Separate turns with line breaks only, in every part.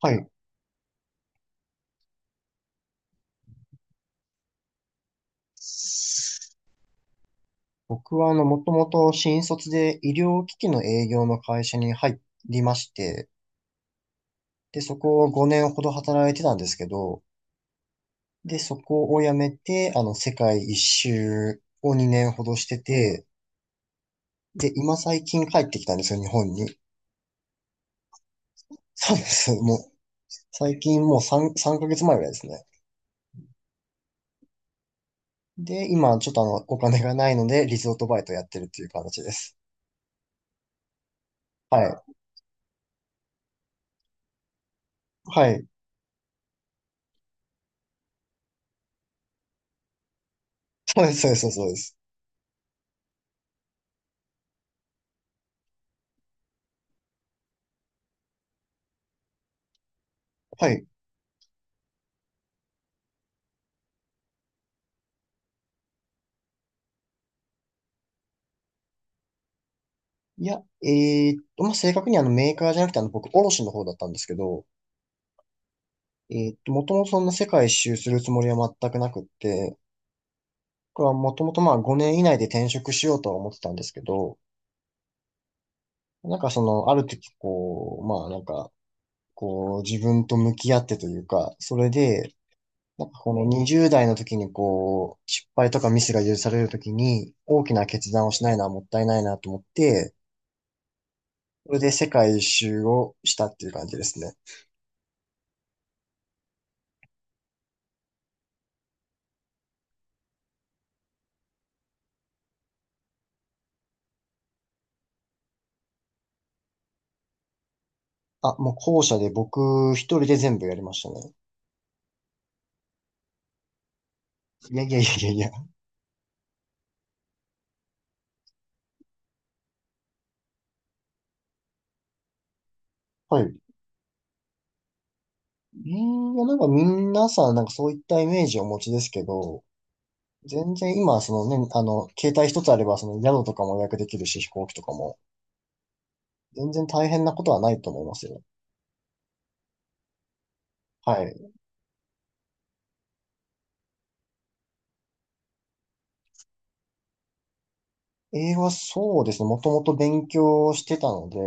はい。僕は、もともと新卒で医療機器の営業の会社に入りまして、で、そこを5年ほど働いてたんですけど、で、そこを辞めて、世界一周を2年ほどしてて、で、今最近帰ってきたんですよ、日本に。そうです。もう、最近もう3ヶ月前ぐらいですね。で、今、ちょっとお金がないので、リゾートバイトやってるっていう形です。はい。はい。そうです、そうです、そうです。はい。いや、まあ、正確にメーカーじゃなくて僕、卸の方だったんですけど、もともとそんな世界一周するつもりは全くなくって、これはもともとまあ5年以内で転職しようとは思ってたんですけど、なんかその、ある時こう、まあなんか、こう自分と向き合ってというか、それで、なんかこの20代の時にこう、失敗とかミスが許される時に、大きな決断をしないのはもったいないなと思って、それで世界一周をしたっていう感じですね。あ、もう校舎で僕一人で全部やりましたね。いやいやいやいやいや。はい。いや、なんか皆さんなんかそういったイメージをお持ちですけど、全然今、そのね、携帯一つあれば、その宿とかも予約できるし、飛行機とかも、全然大変なことはないと思いますよ。はい。英語はそうですね、もともと勉強してたので、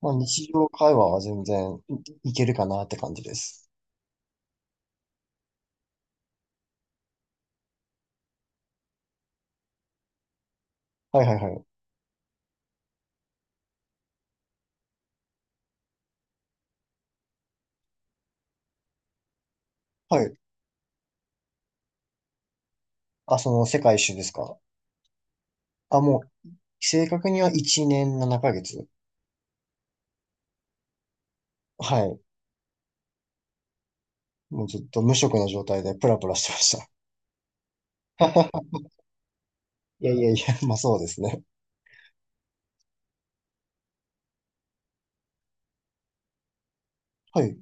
まあ日常会話は全然いけるかなって感じです。はいはいはい。はい。あ、その世界一周ですか？あ、もう、正確には1年7ヶ月。はい。もうずっと無職の状態でプラプラしてました。いやいやいや、まあそうですね。はい。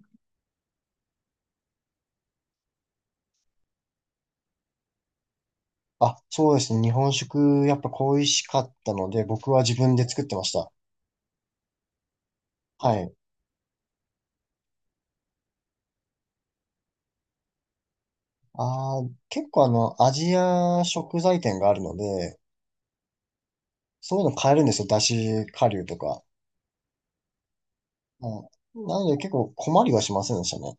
あ、そうですね。日本食、やっぱ恋しかったので、僕は自分で作ってました。はい。あー、結構アジア食材店があるので、そういうの買えるんですよ。だし顆粒とか。はい。なので結構困りはしませんでしたね。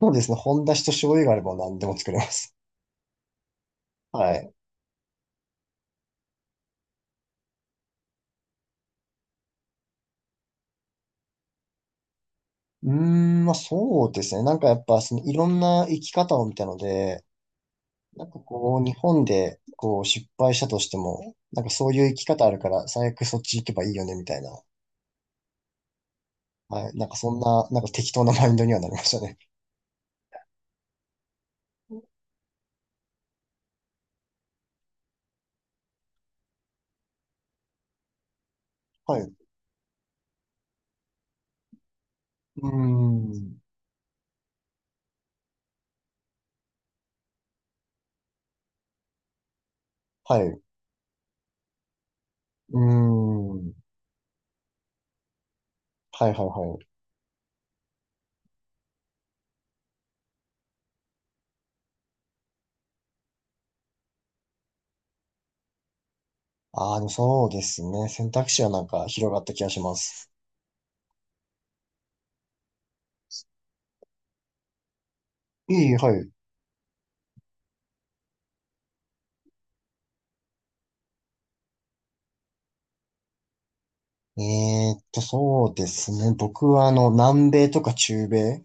そうですね。本だしと醤油があれば何でも作れます。はい。うーん、まあそうですね。なんかやっぱ、そのいろんな生き方を見たので、なんかこう、日本でこう失敗したとしても、なんかそういう生き方あるから、最悪そっち行けばいいよね、みたいな。はい。なんかそんな、なんか適当なマインドにはなりましたね。はい。うーん。はい。うーん。はいはいはい。ああ、でもそうですね。選択肢はなんか広がった気がします。はい。そうですね。僕は南米とか中米、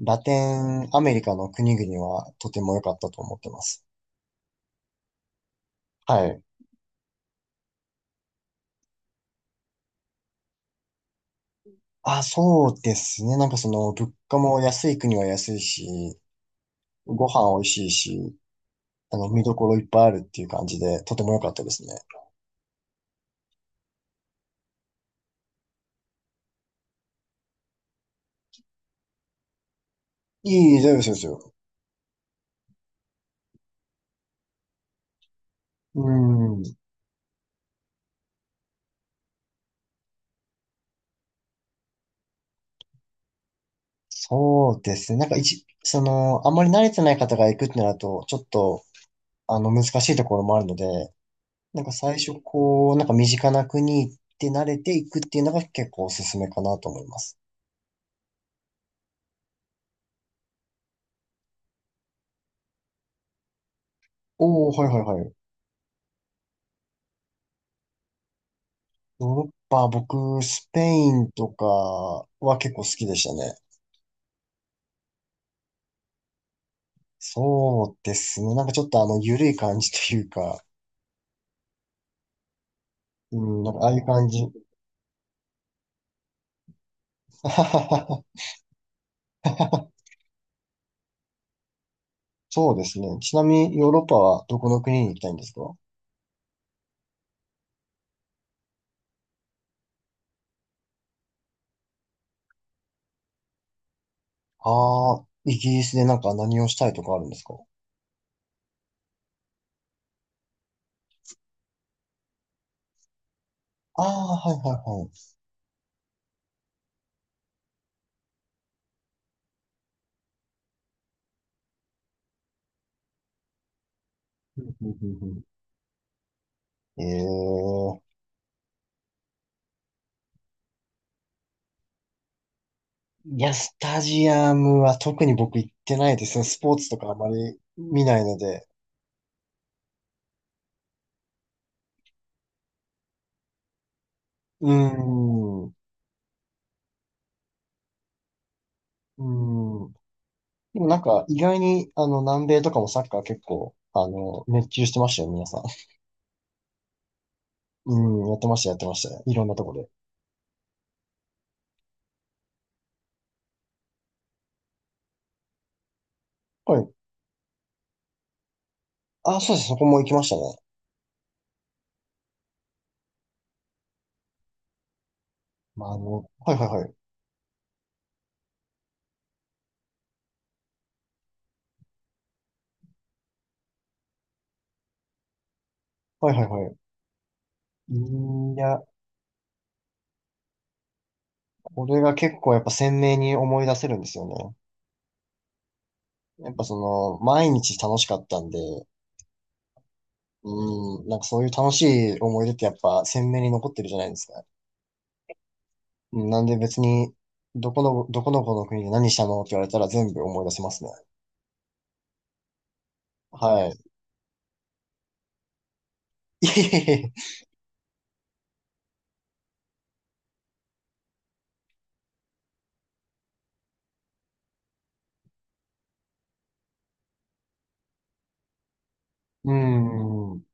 ラテンアメリカの国々はとても良かったと思ってます。はい。あ、そうですね。なんかその、物価も安い国は安いし、ご飯美味しいし、見どころいっぱいあるっていう感じで、とても良かったですね。大丈夫です、大丈夫ですよ。うん。そうですね。なんかその、あんまり慣れてない方が行くってなると、ちょっと、難しいところもあるので、なんか最初、こう、なんか身近な国行って慣れていくっていうのが結構おすすめかなと思います。おー、はいはいはい。ヨーロッパ、僕、スペインとかは結構好きでしたね。そうですね。なんかちょっとゆるい感じというか、うん、なんかああいう感じ。そうですね。ちなみにヨーロッパはどこの国に行きたいんですか？ああー、イギリスでなんか何をしたいとかあるんですか？ああー、はいはいはい。うんうんうん。ええ。いや、スタジアムは特に僕行ってないですね。スポーツとかあまり見ないので。うーん。うーん。でもなんか意外に南米とかもサッカー結構熱中してましたよ、皆さん。うん、やってました、やってましたね。いろんなとこで。はい。あ、そうです。そこも行きましたね。まあ、はいはいはい。はいはいはい。いや、これが結構やっぱ鮮明に思い出せるんですよね。やっぱその、毎日楽しかったんで、うん、なんかそういう楽しい思い出ってやっぱ鮮明に残ってるじゃないですか。うん。なんで別に、どこのこの国で何したのって言われたら全部思い出せますね。はい。いえいえいえ。うん。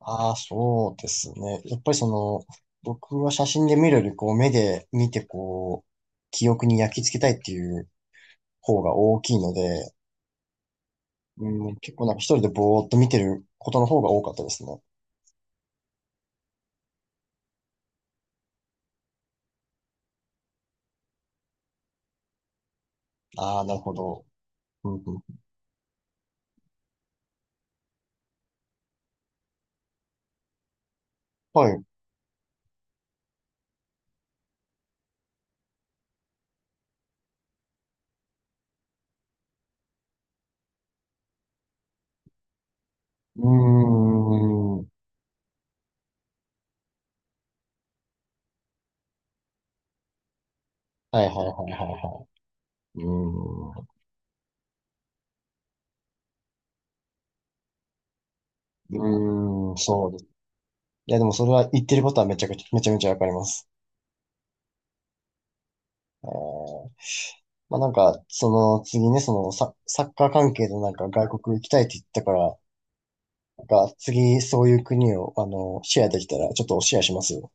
ああ、そうですね。やっぱりその、僕は写真で見るより、こう、目で見て、こう、記憶に焼き付けたいっていう方が大きいので、うん、結構なんか一人でぼーっと見てることの方が多かったですね。ああ、なるほど。うんうん、はい。うーん。はいはいはいはいはい。うーん。うーん、そうです。いや、でもそれは言ってることはめちゃめちゃわかります。えーまあなんか、その次ね、そのサッカー関係のなんか外国行きたいって言ったから、が次そういう国を、シェアできたら、ちょっとシェアしますよ。